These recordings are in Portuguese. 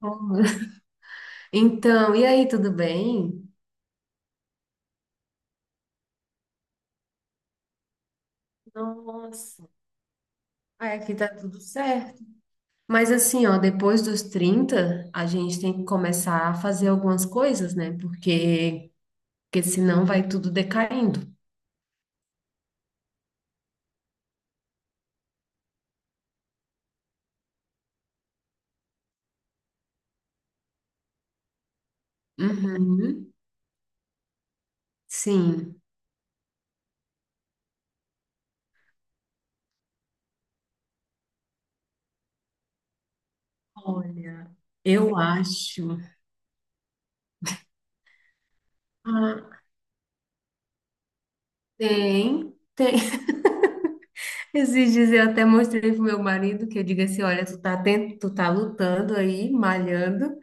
Como? E aí, tudo bem? Nossa. Ai, aqui tá tudo certo. Mas assim, ó, depois dos 30 a gente tem que começar a fazer algumas coisas, né? Porque senão vai tudo decaindo. Uhum. Sim, olha, eu acho. Ah. Tem, tem. Esses dias eu até mostrei pro meu marido que eu digo assim, olha, tu tá lutando aí, malhando,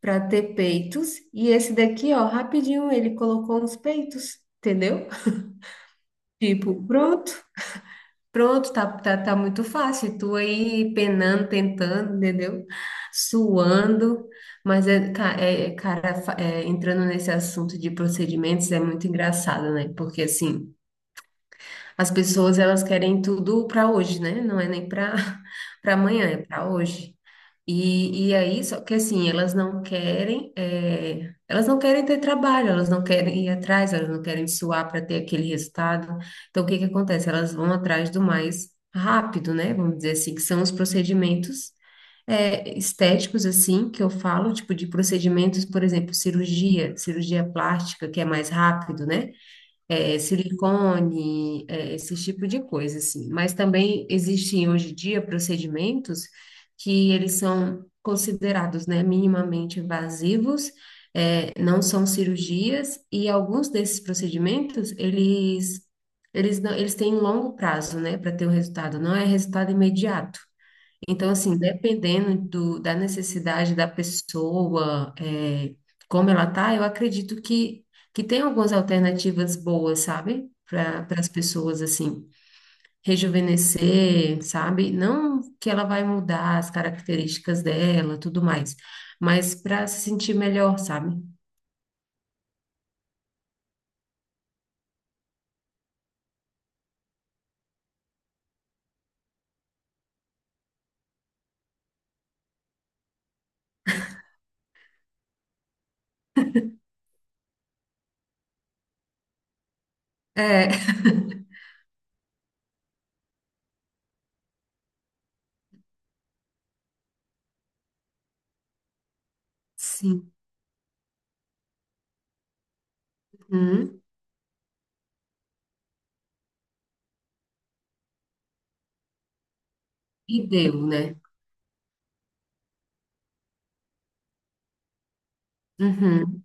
para ter peitos. E esse daqui, ó, rapidinho ele colocou nos peitos, entendeu? Tipo, pronto, pronto, tá, tá, tá muito fácil. Tu aí penando, tentando, entendeu? Suando. Mas, cara, entrando nesse assunto de procedimentos é muito engraçado, né? Porque, assim, as pessoas, elas querem tudo para hoje, né? Não é nem para para amanhã, é para hoje. E aí, só que assim, elas não querem ter trabalho, elas não querem ir atrás, elas não querem suar para ter aquele resultado. Então, o que que acontece? Elas vão atrás do mais rápido, né? Vamos dizer assim, que são os procedimentos, estéticos, assim, que eu falo, tipo de procedimentos, por exemplo, cirurgia plástica, que é mais rápido, né? Silicone, esse tipo de coisa, assim. Mas também existem hoje em dia procedimentos que eles são considerados, né, minimamente invasivos, não são cirurgias, e alguns desses procedimentos, eles, não- eles têm um longo prazo, né, para ter o resultado, não é resultado imediato. Então, assim, dependendo do, da necessidade da pessoa, como ela tá, eu acredito que tem algumas alternativas boas, sabe? Para as pessoas, assim, rejuvenescer, sabe? Não que ela vai mudar as características dela, tudo mais, mas para se sentir melhor, sabe? É. Sim. Uhum. E deu, né? Uhum.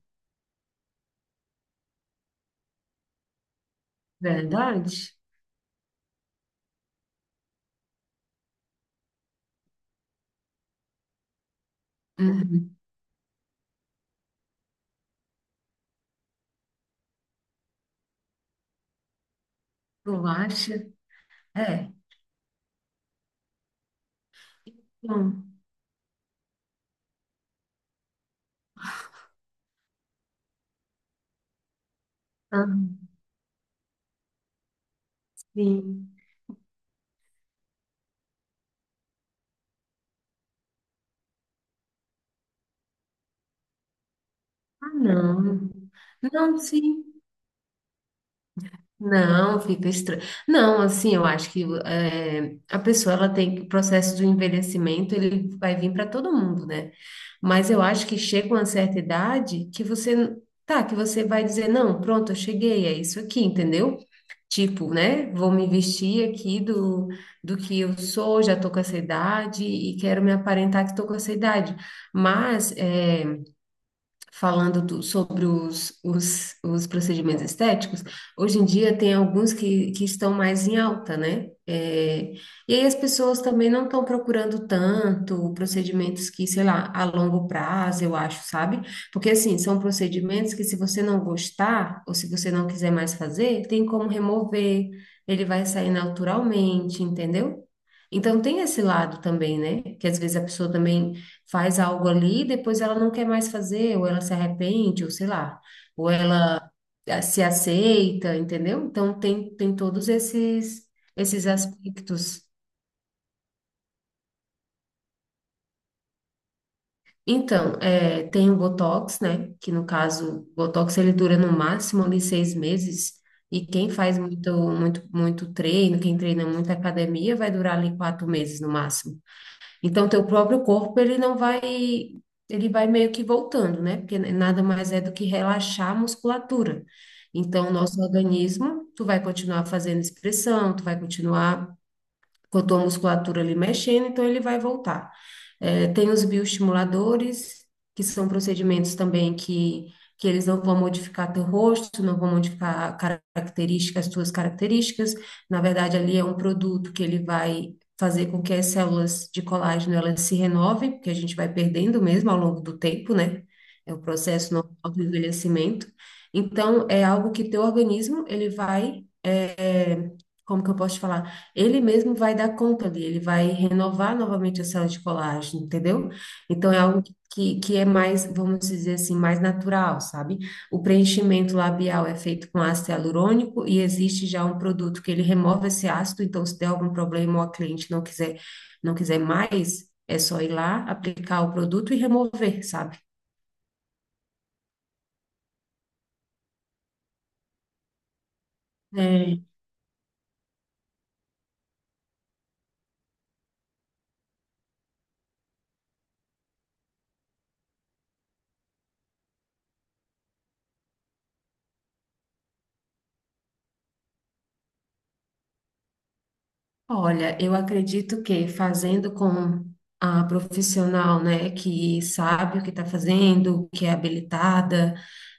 Verdade? Uhum. Tu acha? É. Hum. Sim. Ah, não. Não, sim. Não, fica estranho. Não, assim, eu acho que a pessoa ela o processo do envelhecimento ele vai vir para todo mundo, né? Mas eu acho que chega uma certa idade que que você vai dizer, não, pronto, eu cheguei, é isso aqui, entendeu? Tipo, né? Vou me vestir aqui do, do que eu sou, já tô com essa idade e quero me aparentar que tô com essa idade. Mas falando sobre os, os procedimentos estéticos, hoje em dia tem alguns que estão mais em alta, né? E aí as pessoas também não estão procurando tanto procedimentos que, sei lá, a longo prazo, eu acho, sabe? Porque, assim, são procedimentos que se você não gostar ou se você não quiser mais fazer, tem como remover, ele vai sair naturalmente, entendeu? Então tem esse lado também, né? Que às vezes a pessoa também faz algo ali, depois ela não quer mais fazer, ou ela se arrepende, ou sei lá, ou ela se aceita, entendeu? Então tem todos esses aspectos. Então, tem o Botox, né? Que no caso, o Botox ele dura no máximo ali 6 meses. E quem faz muito, muito, muito treino, quem treina muito academia, vai durar ali 4 meses no máximo. Então, teu próprio corpo, ele não vai, ele vai meio que voltando, né? Porque nada mais é do que relaxar a musculatura. Então, nosso organismo, tu vai continuar fazendo expressão, tu vai continuar com a tua musculatura ali mexendo, então ele vai voltar. É, tem os bioestimuladores, que são procedimentos também que eles não vão modificar teu rosto, não vão modificar características, as tuas características. Na verdade, ali é um produto que ele vai fazer com que as células de colágeno elas se renovem, porque a gente vai perdendo mesmo ao longo do tempo, né? É o processo normal do envelhecimento. Então, é algo que teu organismo, ele vai, como que eu posso te falar? Ele mesmo vai dar conta ali, ele vai renovar novamente a célula de colágeno, entendeu? Então é algo que é mais, vamos dizer assim, mais natural, sabe? O preenchimento labial é feito com ácido hialurônico e existe já um produto que ele remove esse ácido, então se der algum problema ou a cliente não quiser mais, é só ir lá, aplicar o produto e remover, sabe? Olha, eu acredito que fazendo com a profissional, né, que sabe o que está fazendo, que é habilitada,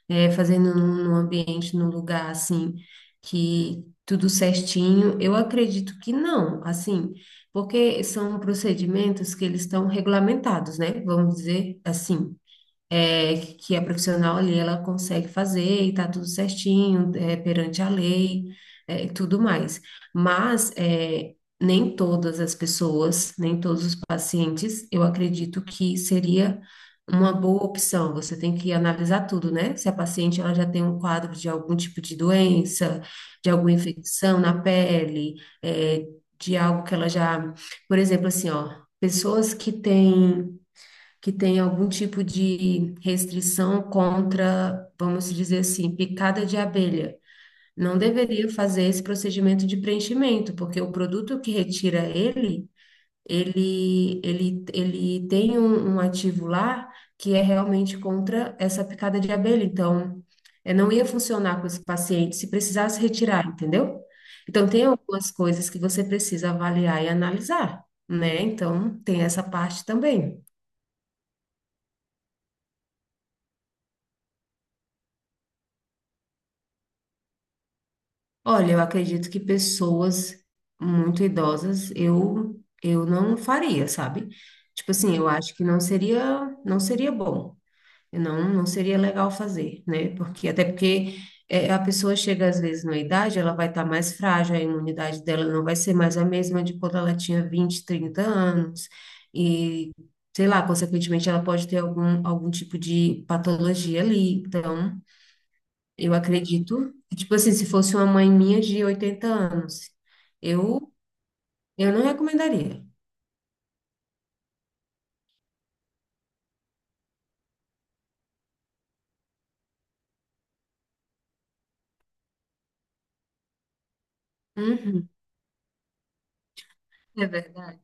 fazendo num ambiente, num lugar assim, que tudo certinho, eu acredito que não, assim, porque são procedimentos que eles estão regulamentados, né, vamos dizer assim que é profissional ali, ela consegue fazer e tá tudo certinho, perante a lei, e tudo mais. Mas nem todas as pessoas, nem todos os pacientes, eu acredito que seria uma boa opção. Você tem que analisar tudo, né? Se a paciente ela já tem um quadro de algum tipo de doença, de alguma infecção na pele, é, de algo que ela já, por exemplo, assim, ó, pessoas que tem algum tipo de restrição contra, vamos dizer assim, picada de abelha, não deveria fazer esse procedimento de preenchimento, porque o produto que retira ele, ele tem um ativo lá que é realmente contra essa picada de abelha. Então, não ia funcionar com esse paciente se precisasse retirar, entendeu? Então, tem algumas coisas que você precisa avaliar e analisar, né? Então, tem essa parte também. Olha, eu acredito que pessoas muito idosas eu não faria, sabe? Tipo assim, eu acho que não seria bom, eu não seria legal fazer, né? Porque até porque a pessoa chega às vezes na idade, ela vai estar mais frágil, a imunidade dela não vai ser mais a mesma de quando ela tinha 20, 30 anos e sei lá, consequentemente ela pode ter algum tipo de patologia ali, então eu acredito, tipo assim, se fosse uma mãe minha de 80 anos, eu, eu não recomendaria. Uhum, é verdade.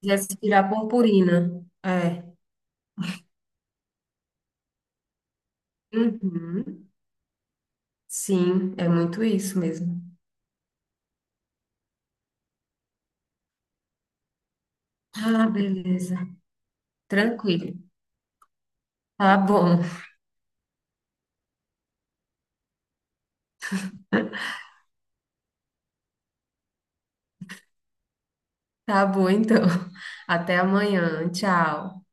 Quisesse tirar purpurina. É. Uhum. Sim, é muito isso mesmo. Ah, beleza. Tranquilo. Tá bom. Tá bom, então. Até amanhã. Tchau.